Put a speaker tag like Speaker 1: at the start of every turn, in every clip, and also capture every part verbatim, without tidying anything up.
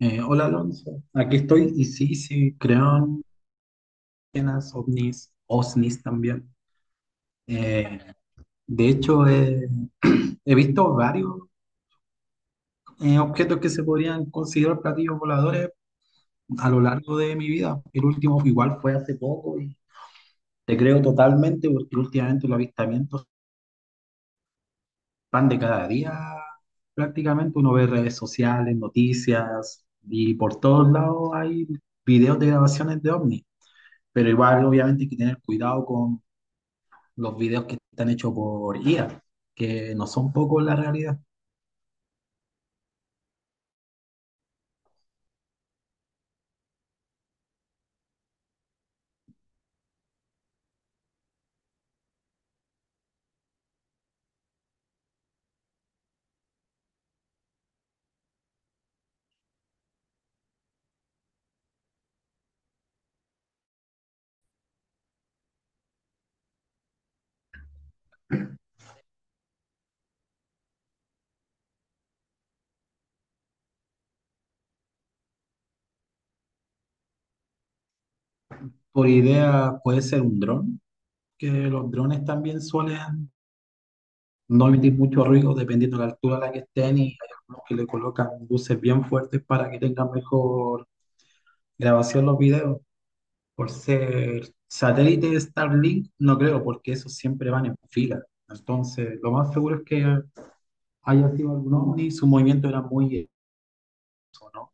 Speaker 1: Eh, hola Alonso, aquí estoy y sí, sí, creo en las ovnis, O S N Is también. Eh, de hecho, eh, he visto varios eh, objetos que se podrían considerar platillos voladores a lo largo de mi vida. El último igual fue hace poco y te creo totalmente porque últimamente los avistamientos van de cada día prácticamente. Uno ve redes sociales, noticias y por todos lados hay videos de grabaciones de ovnis. Pero igual, obviamente, hay que tener cuidado con los videos que están hechos por I A, que no son pocos la realidad. Por idea puede ser un dron, que los drones también suelen no emitir mucho ruido dependiendo de la altura a la que estén y hay algunos que le colocan luces bien fuertes para que tengan mejor grabación los videos. Por ser satélite de Starlink, no creo, porque esos siempre van en fila. Entonces, lo más seguro es que haya sido algún ovni, su movimiento era muy eso, ¿no?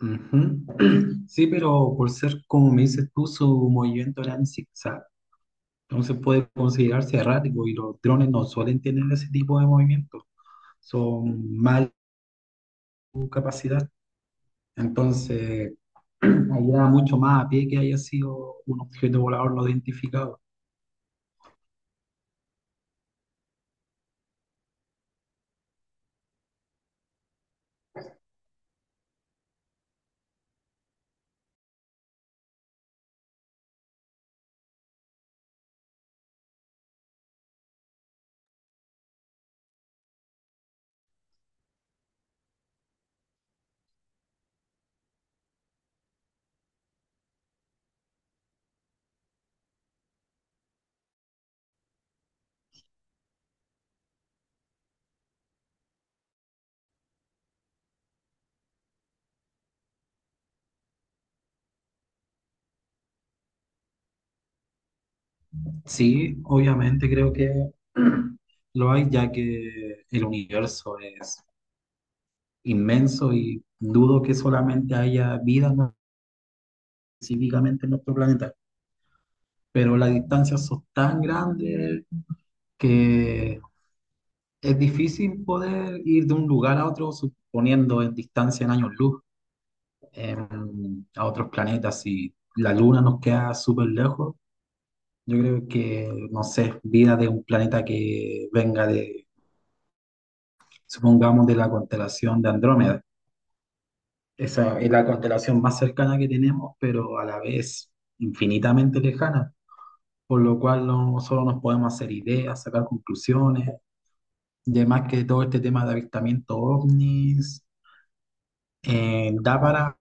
Speaker 1: Ujú. Sí, pero por ser, como me dices tú, su movimiento era en zigzag. Entonces puede considerarse errático y los drones no suelen tener ese tipo de movimiento. Son mal su capacidad. Entonces, ayuda mucho más a pie que haya sido un objeto volador no identificado. Sí, obviamente creo que lo hay, ya que el universo es inmenso y dudo que solamente haya vida no- específicamente en nuestro planeta. Pero las distancias son tan grandes que es difícil poder ir de un lugar a otro, suponiendo en distancia en años luz, em, a otros planetas. Si la Luna nos queda súper lejos, yo creo que, no sé, vida de un planeta que venga de supongamos, de la constelación de Andrómeda. Esa es la constelación más cercana que tenemos, pero a la vez infinitamente lejana, por lo cual no solo nos podemos hacer ideas, sacar conclusiones, y además que todo este tema de avistamiento ovnis eh, da para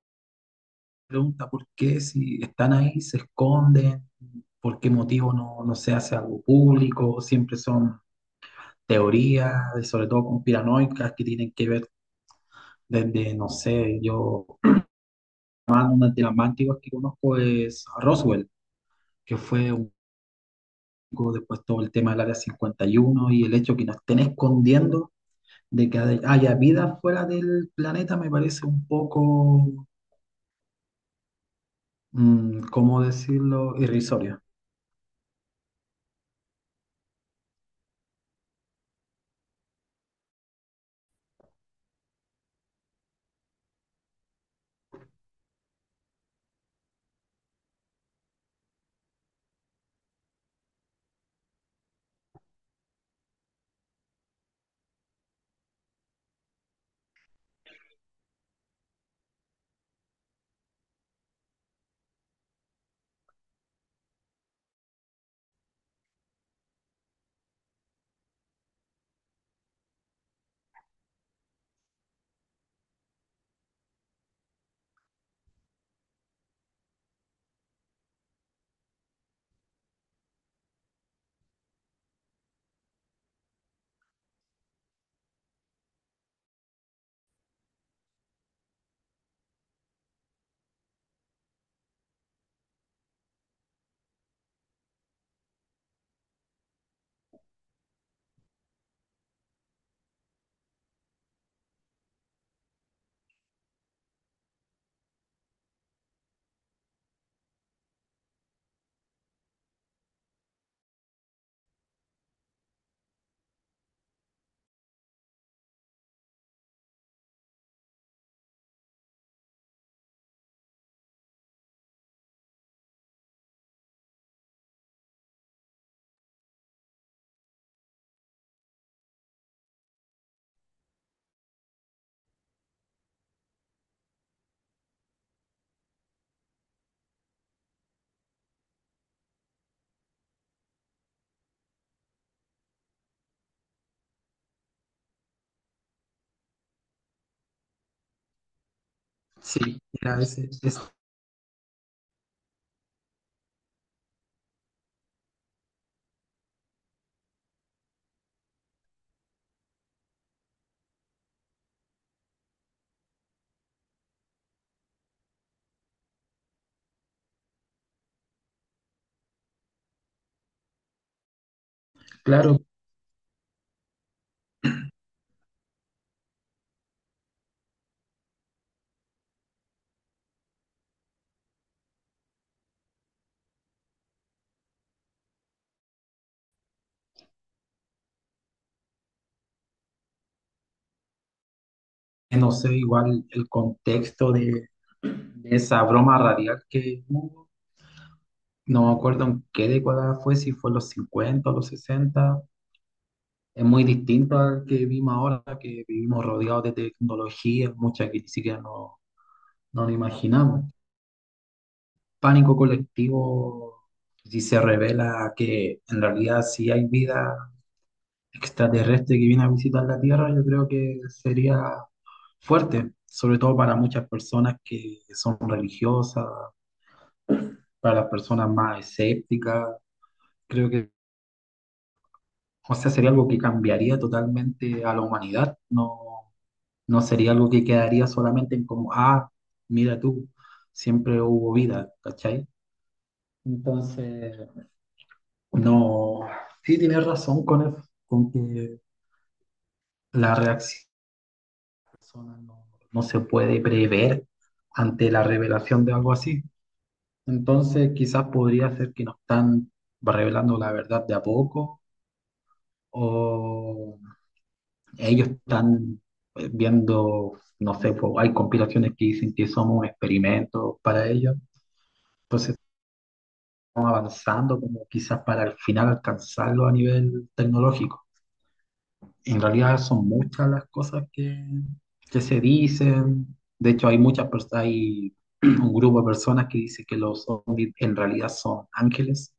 Speaker 1: pregunta por qué si están ahí, se esconden, por qué motivo no, no se hace algo público, siempre son teorías, sobre todo conspiranoicas, que tienen que ver desde, no sé, yo una de las más antiguas que conozco es Roswell, que fue un poco después todo el tema del Área cincuenta y uno y uno y el hecho que nos estén escondiendo de que hay- haya vida fuera del planeta me parece un poco, mm, ¿cómo decirlo?, irrisorio. Sí, a veces es claro, no sé, igual el contexto de, de esa broma radial que hubo, no me acuerdo en qué década fue, si fue en los cincuenta o los sesenta. Es muy distinto al que vivimos ahora, que vivimos rodeados de tecnología, muchas que ni siquiera no, no nos imaginamos. Pánico colectivo, si se revela que en realidad si hay vida extraterrestre que viene a visitar la Tierra, yo creo que sería fuerte, sobre todo para muchas personas que son religiosas, para las personas más escépticas. Creo que, o sea, sería algo que cambiaría totalmente a la humanidad. No, No sería algo que quedaría solamente en como, ah, mira tú, siempre hubo vida, ¿cachai? Entonces, no, sí tienes razón con eso, con que la reacción de la persona no, no se puede prever ante la revelación de algo así. Entonces, quizás podría ser que nos están revelando la verdad de a poco, o ellos están eh, viendo, no sé, po, hay compilaciones que dicen que somos experimentos para ellos. Entonces avanzando como quizás para al final alcanzarlo a nivel tecnológico. En realidad son muchas las cosas que, que se dicen. De hecho, hay muchas personas, hay un grupo de personas que dice que los ovnis en realidad son ángeles.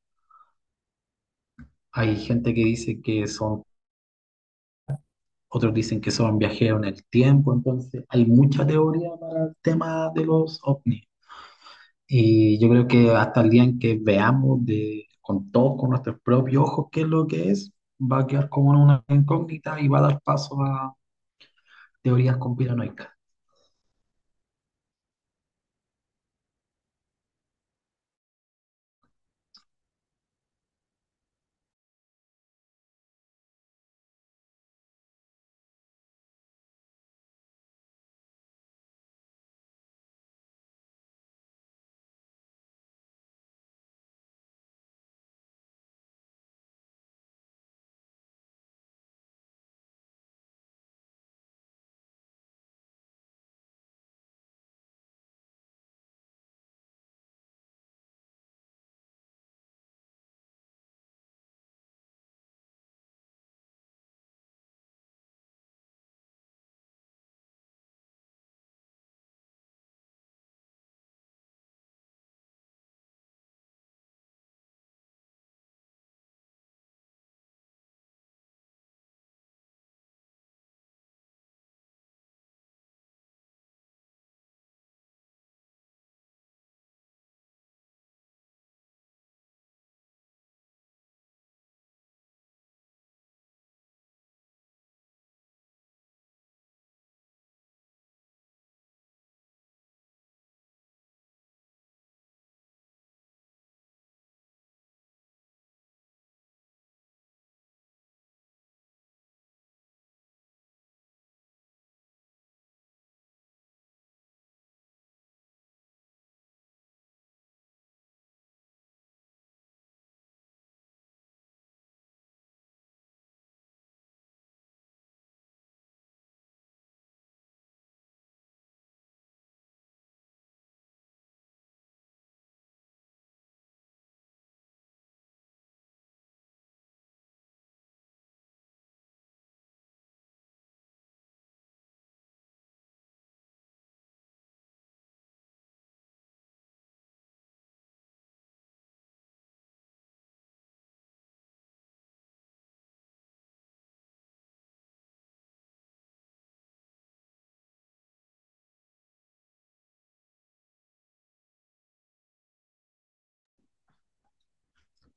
Speaker 1: Hay gente que dice que son, otros dicen que son viajeros en el tiempo. Entonces, hay mucha teoría para el tema de los ovnis. Y yo creo que hasta el día en que veamos de, con todos, con nuestros propios ojos, qué es lo que es, va a quedar como una incógnita y va a dar paso a teorías conspiranoicas.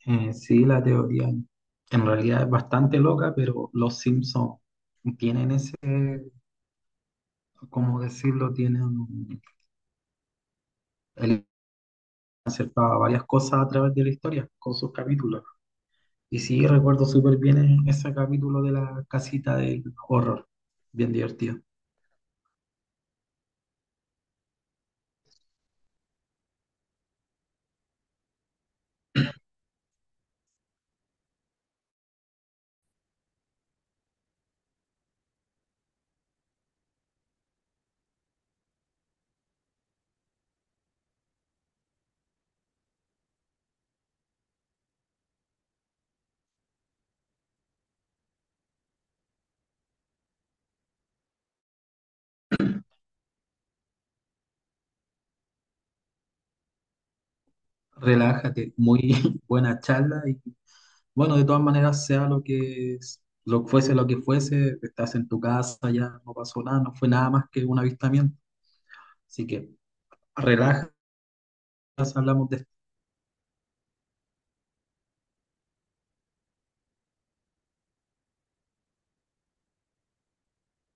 Speaker 1: Eh, sí, la teoría en realidad es bastante loca, pero los Simpsons tienen ese, ¿cómo decirlo? Tienen, él acercaba varias cosas a través de la historia con sus capítulos. Y sí, recuerdo súper bien ese capítulo de la casita del horror, bien divertido. Relájate, muy buena charla y bueno, de todas maneras, sea lo que es- lo que fuese lo que fuese, estás en tu casa, ya no pasó nada, no fue nada más que un avistamiento. Así que relájate, hablamos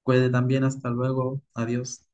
Speaker 1: después también, hasta luego, adiós.